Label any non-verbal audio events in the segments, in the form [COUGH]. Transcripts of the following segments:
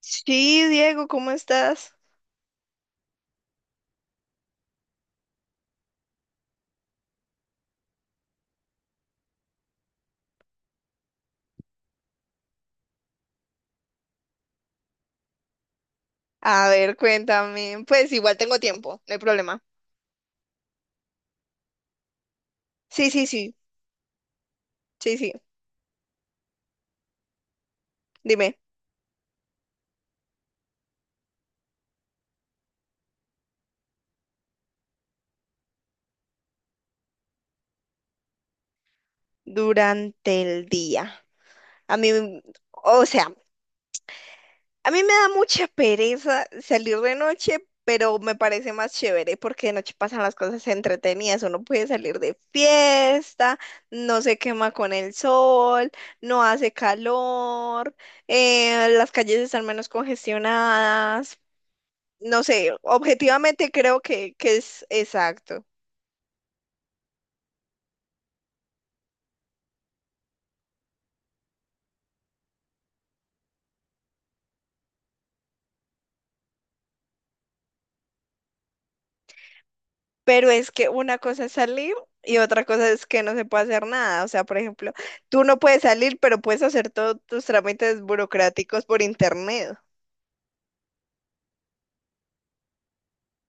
Sí, Diego, ¿cómo estás? A ver, cuéntame. Pues igual tengo tiempo, no hay problema. Sí, sí, sí, sí, sí. Dime. Durante el día. A mí, o sea, a mí me da mucha pereza salir de noche, pero me parece más chévere porque de noche pasan las cosas entretenidas. Uno puede salir de fiesta, no se quema con el sol, no hace calor, las calles están menos congestionadas. No sé, objetivamente creo que es exacto, pero es que una cosa es salir y otra cosa es que no se puede hacer nada. O sea, por ejemplo, tú no puedes salir, pero puedes hacer todos tus trámites burocráticos por internet.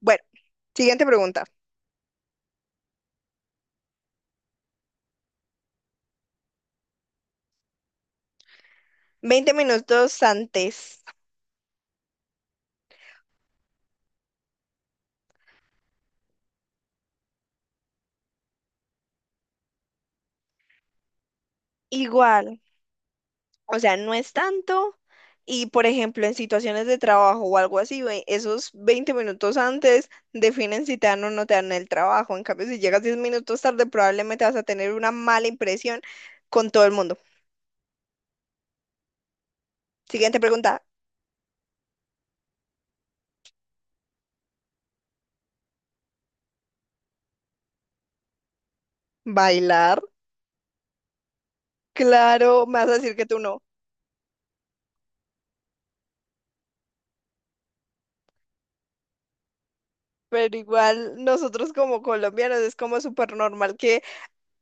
Bueno, siguiente pregunta. 20 minutos antes. Igual. O sea, no es tanto. Y por ejemplo, en situaciones de trabajo o algo así, esos 20 minutos antes definen si te dan o no te dan el trabajo. En cambio, si llegas 10 minutos tarde, probablemente vas a tener una mala impresión con todo el mundo. Siguiente pregunta. ¿Bailar? Claro, me vas a decir que tú no. Pero igual nosotros como colombianos es como súper normal que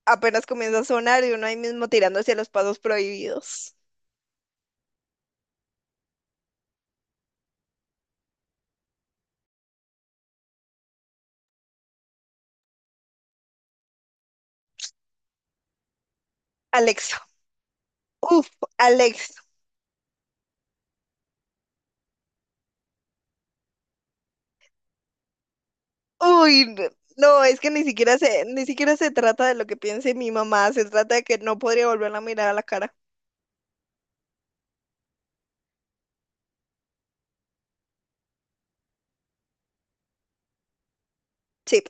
apenas comienza a sonar y uno ahí mismo tirando hacia los pasos prohibidos. Alexa. Uf, ¡Alexa! Uy, no, es que ni siquiera se trata de lo que piense mi mamá, se trata de que no podría volverla a mirar a la cara. Sí.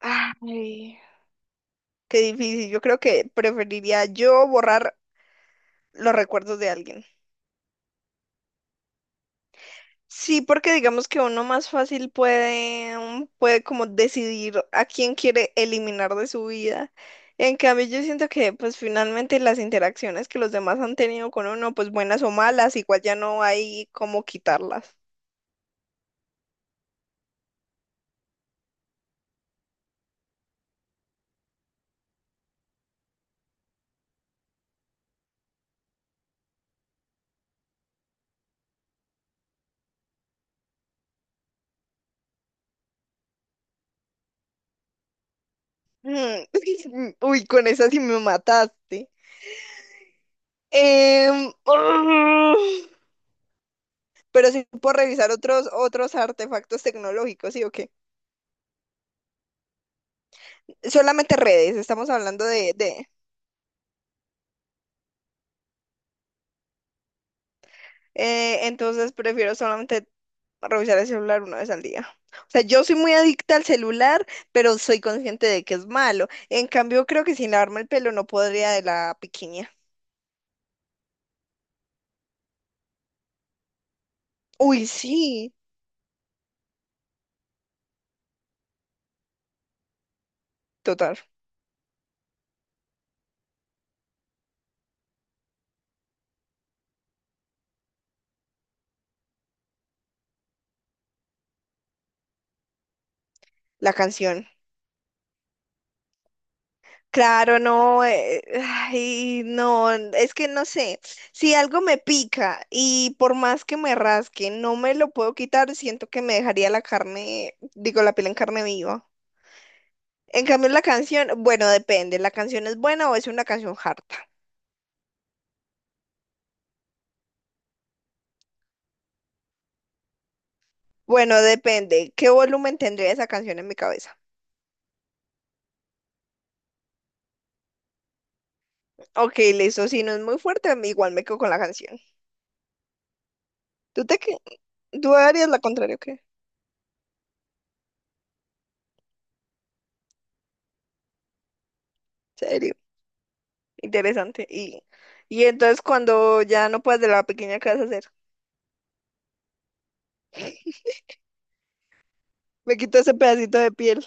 Ay, qué difícil. Yo creo que preferiría yo borrar los recuerdos de alguien. Sí, porque digamos que uno más fácil puede, mm, puede como decidir a quién quiere eliminar de su vida. En cambio, yo siento que pues finalmente las interacciones que los demás han tenido con uno, pues buenas o malas, igual ya no hay cómo quitarlas. Mm. [LAUGHS] Uy, con esa sí me mataste. Em, [LAUGHS] pero sí puedo revisar otros artefactos tecnológicos, ¿sí o qué? Solamente redes, estamos hablando entonces prefiero solamente revisar el celular una vez al día. O sea, yo soy muy adicta al celular, pero soy consciente de que es malo. En cambio, creo que sin lavarme el pelo no podría de la piquiña. Uy, sí, total. La canción. Claro, no, ay, no, es que no sé, si algo me pica y por más que me rasque, no me lo puedo quitar, siento que me dejaría la carne, digo, la piel en carne viva. En cambio, la canción, bueno, depende, ¿la canción es buena o es una canción harta? Bueno, depende, ¿qué volumen tendría esa canción en mi cabeza? Ok, listo, si no es muy fuerte, igual me quedo con la canción. ¿Tú te que, tú harías la contraria, ¿o qué? Serio, interesante. Y entonces cuando ya no puedas de la pequeña, ¿qué vas a hacer? Me quito ese pedacito de piel.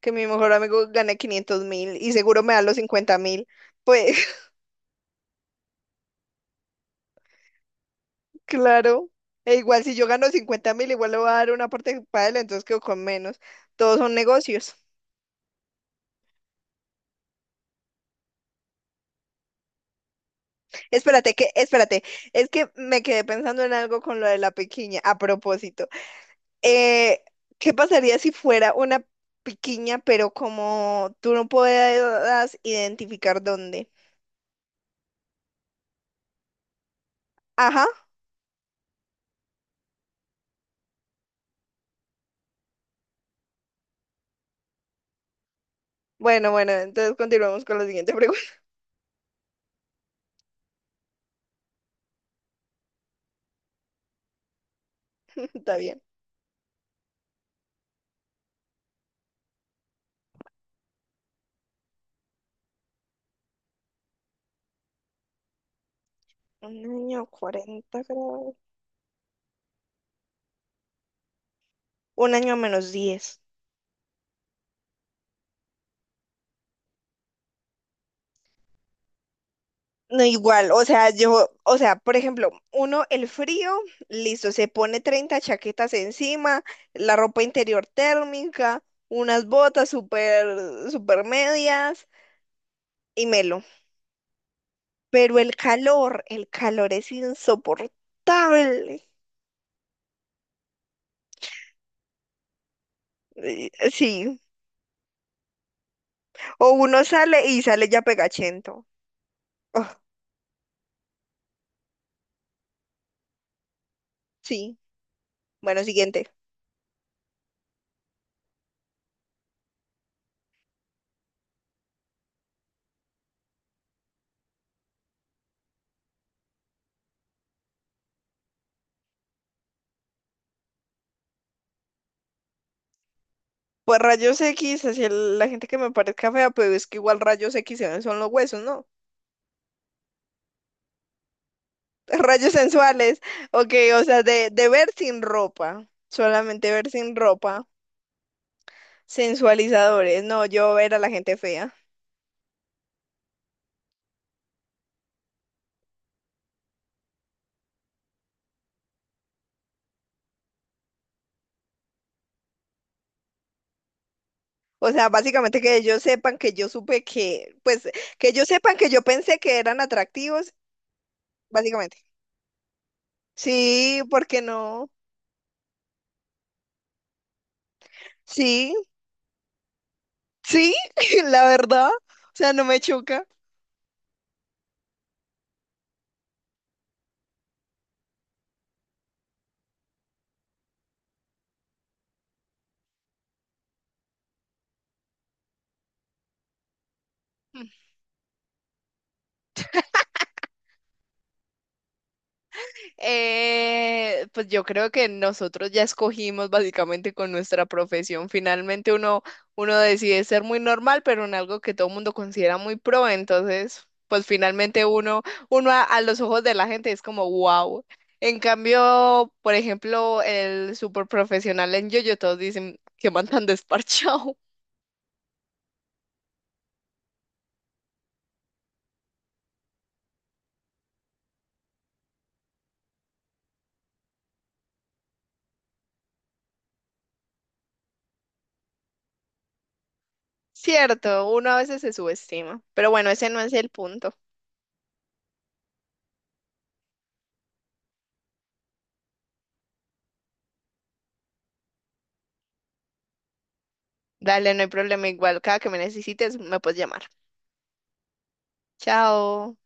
Que mi mejor amigo gane 500.000 y seguro me da los 50.000. Pues [LAUGHS] claro, e igual si yo gano 50.000, igual le voy a dar una parte para él, entonces quedo con menos. Todos son negocios. Espérate, es que me quedé pensando en algo con lo de la piquiña, a propósito. Eh, ¿Qué pasaría si fuera una piquiña, pero como tú no puedas identificar dónde? Ajá. Bueno, bueno, entonces continuamos con la siguiente [LAUGHS] pregunta, bien. Un año 40 grados. Un año a -10. No, igual, o sea, yo, o sea, por ejemplo, uno, el frío, listo, se pone 30 chaquetas encima, la ropa interior térmica, unas botas súper, súper medias y melo. Pero el calor es insoportable. Sí, o uno sale y sale ya pegachento. Oh, sí, bueno, siguiente. Pues rayos X, hacia la gente que me parezca fea, pero es que igual rayos X se ven son los huesos, ¿no? [LAUGHS] Rayos sensuales, ok, o sea, de ver sin ropa, solamente ver sin ropa, sensualizadores, no, yo ver a la gente fea. O sea, básicamente que ellos sepan que yo supe que, pues, que ellos sepan que yo pensé que eran atractivos, básicamente. Sí, ¿por qué no? Sí, sí, [LAUGHS] la verdad, o sea, no me choca. Pues yo creo que nosotros ya escogimos básicamente con nuestra profesión. Finalmente uno decide ser muy normal, pero en algo que todo el mundo considera muy pro. Entonces, pues finalmente uno a los ojos de la gente es como wow. En cambio, por ejemplo, el super profesional en yo todos dicen que man tan desparchado. [LAUGHS] Cierto, uno a veces se subestima. Pero bueno, ese no es el punto. Dale, no hay problema. Igual, cada que me necesites, me puedes llamar. Chao.